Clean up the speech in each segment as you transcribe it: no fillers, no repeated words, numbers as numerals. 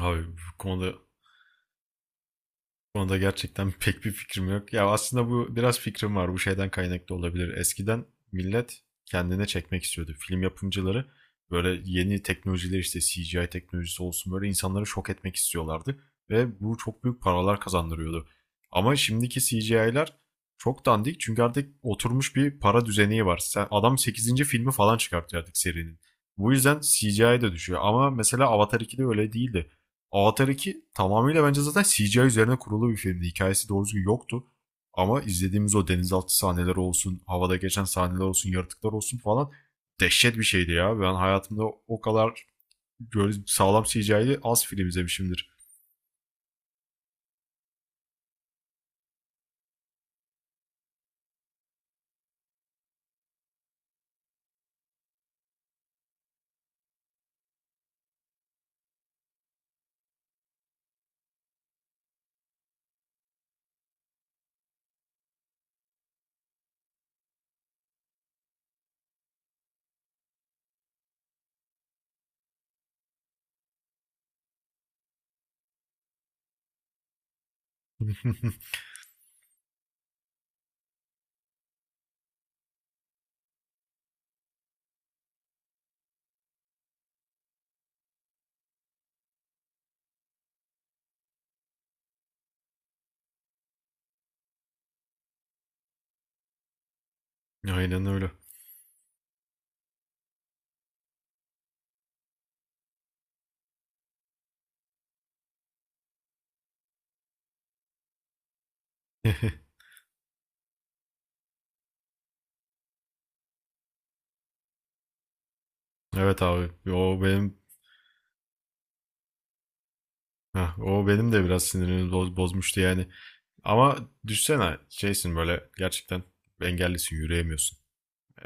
Abi bu konuda, gerçekten pek bir fikrim yok. Ya aslında bu biraz fikrim var. Bu şeyden kaynaklı olabilir. Eskiden millet kendine çekmek istiyordu. Film yapımcıları böyle yeni teknolojiler, işte CGI teknolojisi olsun, böyle insanları şok etmek istiyorlardı. Ve bu çok büyük paralar kazandırıyordu. Ama şimdiki CGI'ler çok dandik çünkü artık oturmuş bir para düzeni var. Sen, adam sekizinci filmi falan çıkartıyor artık serinin. Bu yüzden CGI de düşüyor. Ama mesela Avatar 2'de öyle değildi. Avatar 2 tamamıyla bence zaten CGI üzerine kurulu bir filmdi. Hikayesi doğru düzgün yoktu. Ama izlediğimiz o denizaltı sahneleri olsun, havada geçen sahneler olsun, yaratıklar olsun falan, dehşet bir şeydi ya. Ben hayatımda o kadar böyle sağlam CGI'li az film izlemişimdir. Aynen öyle. Evet abi. O benim. Heh, o benim de biraz sinirimi bozmuştu yani. Ama düşsene, şeysin böyle gerçekten, engellisin, yürüyemiyorsun. E,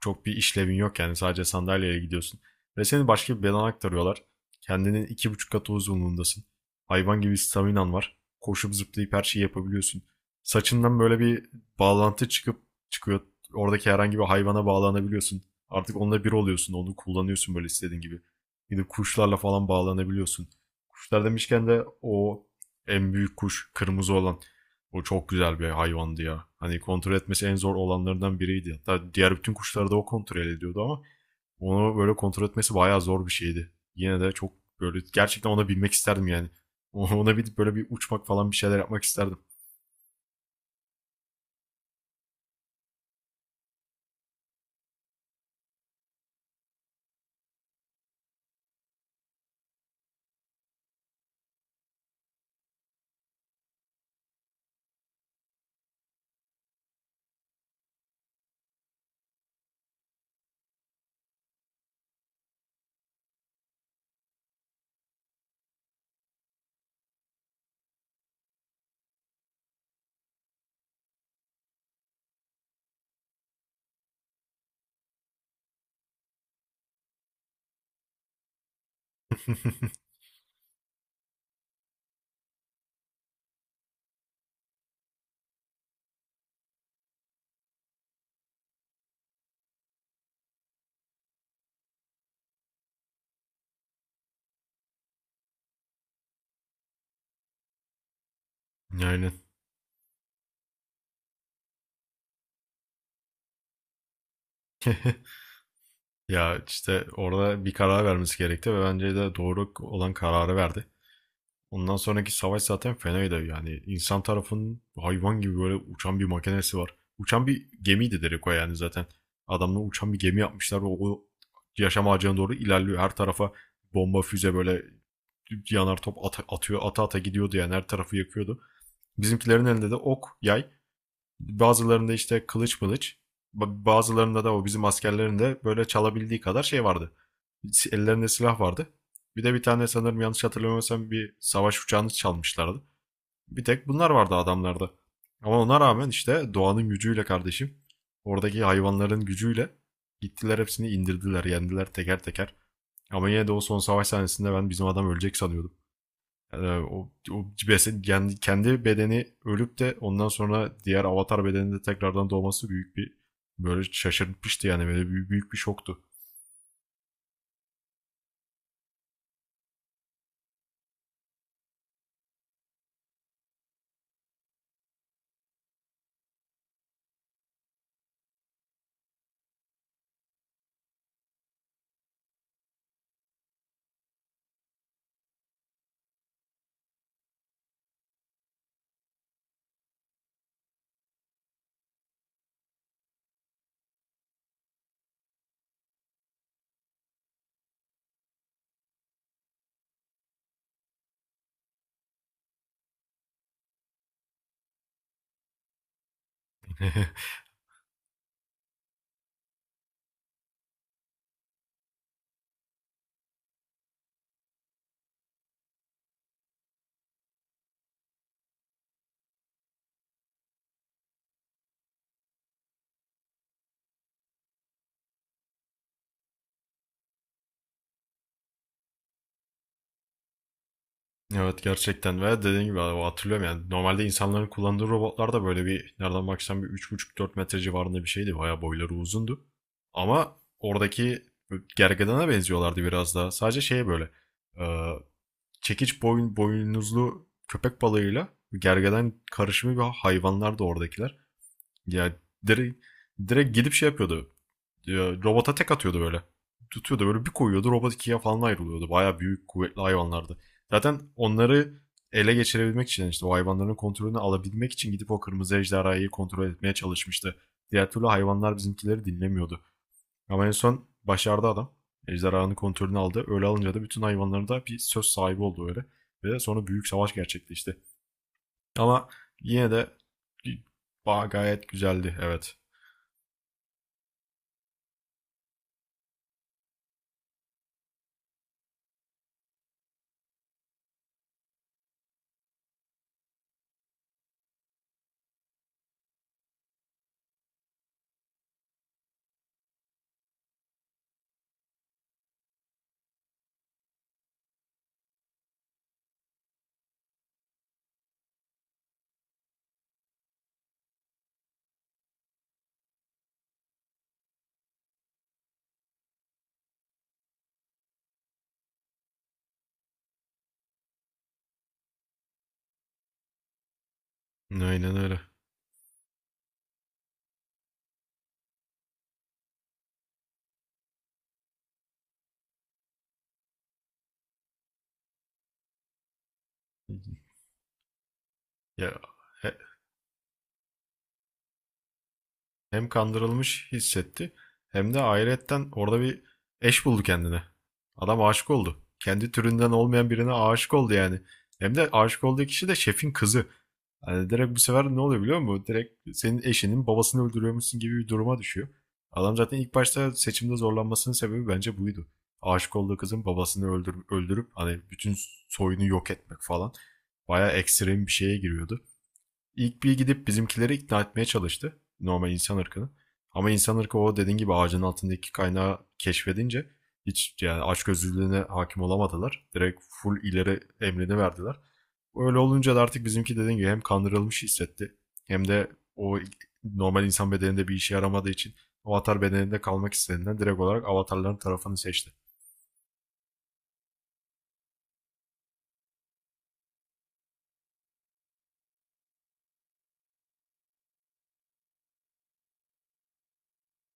Çok bir işlevin yok yani, sadece sandalyeye gidiyorsun. Ve seni başka bir bedana aktarıyorlar. Kendinin 2,5 katı uzunluğundasın. Hayvan gibi staminan var. Koşup zıplayıp her şeyi yapabiliyorsun. Saçından böyle bir bağlantı çıkıyor. Oradaki herhangi bir hayvana bağlanabiliyorsun. Artık onunla bir oluyorsun. Onu kullanıyorsun böyle istediğin gibi. Gidip kuşlarla falan bağlanabiliyorsun. Kuşlar demişken de o en büyük kuş, kırmızı olan, o çok güzel bir hayvandı ya. Hani kontrol etmesi en zor olanlarından biriydi. Hatta diğer bütün kuşları da o kontrol ediyordu ama onu böyle kontrol etmesi bayağı zor bir şeydi. Yine de çok böyle gerçekten ona binmek isterdim yani. Ona bir böyle bir uçmak falan bir şeyler yapmak isterdim. Aynen. Ya işte orada bir karar vermesi gerekti ve bence de doğru olan kararı verdi. Ondan sonraki savaş zaten fenaydı yani. İnsan tarafının hayvan gibi böyle uçan bir makinesi var. Uçan bir gemiydi Derek o, yani zaten. Adamla uçan bir gemi yapmışlar ve o yaşam ağacına doğru ilerliyor. Her tarafa bomba, füze, böyle yanar top atıyor. Ata ata gidiyordu yani, her tarafı yakıyordu. Bizimkilerin elinde de ok, yay. Bazılarında işte kılıç mılıç, bazılarında da o bizim askerlerin de böyle çalabildiği kadar şey vardı. Ellerinde silah vardı. Bir de bir tane, sanırım yanlış hatırlamıyorsam, bir savaş uçağını çalmışlardı. Bir tek bunlar vardı adamlarda. Ama ona rağmen işte doğanın gücüyle kardeşim, oradaki hayvanların gücüyle gittiler, hepsini indirdiler, yendiler teker teker. Ama yine de o son savaş sahnesinde ben bizim adam ölecek sanıyordum. Kendi bedeni ölüp de ondan sonra diğer avatar bedeninde tekrardan doğması, büyük bir böyle şaşırtmıştı yani, böyle büyük, büyük bir şoktu. Evet gerçekten ve dediğim gibi abi, hatırlıyorum yani normalde insanların kullandığı robotlar da böyle bir, nereden baksan bir 3,5-4 metre civarında bir şeydi. Bayağı boyları uzundu. Ama oradaki gergedana benziyorlardı biraz daha. Sadece şey böyle e, çekiç boyun, boynuzlu köpek balığıyla gergeden karışımı bir hayvanlar da oradakiler. Ya direkt, direkt gidip şey yapıyordu. Robota tek atıyordu böyle. Tutuyordu böyle, bir koyuyordu, robot ikiye falan ayrılıyordu. Baya büyük kuvvetli hayvanlardı. Zaten onları ele geçirebilmek için, işte o hayvanların kontrolünü alabilmek için, gidip o kırmızı ejderhayı kontrol etmeye çalışmıştı. Diğer türlü hayvanlar bizimkileri dinlemiyordu. Ama en son başardı adam. Ejderhanın kontrolünü aldı. Öyle alınca da bütün hayvanların da bir söz sahibi oldu öyle. Ve sonra büyük savaş gerçekleşti. Ama yine de gayet güzeldi, evet. Aynen öyle. Ya, hem kandırılmış hissetti hem de ayrıyetten orada bir eş buldu kendine. Adam aşık oldu. Kendi türünden olmayan birine aşık oldu yani. Hem de aşık olduğu kişi de şefin kızı. Hani direkt bu sefer ne oluyor biliyor musun? Direkt senin eşinin babasını öldürüyormuşsun gibi bir duruma düşüyor. Adam zaten ilk başta seçimde zorlanmasının sebebi bence buydu. Aşık olduğu kızın babasını öldür öldürüp hani bütün soyunu yok etmek falan. Bayağı ekstrem bir şeye giriyordu. İlk bir gidip bizimkileri ikna etmeye çalıştı. Normal insan ırkını. Ama insan ırkı, o dediğin gibi, ağacın altındaki kaynağı keşfedince hiç yani açgözlülüğüne hakim olamadılar. Direkt full ileri emrini verdiler. Öyle olunca da artık bizimki dediğin gibi hem kandırılmış hissetti, hem de o normal insan bedeninde bir işe yaramadığı için avatar bedeninde kalmak istediğinden direkt olarak avatarların tarafını seçti.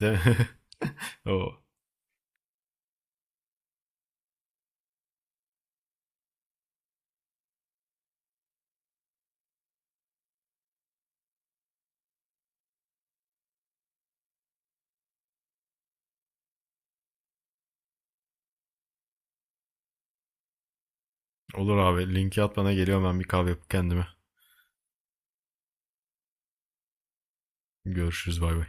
De o. Olur abi, linki at bana, geliyorum ben bir kahve yapıp kendime. Görüşürüz, bay bay.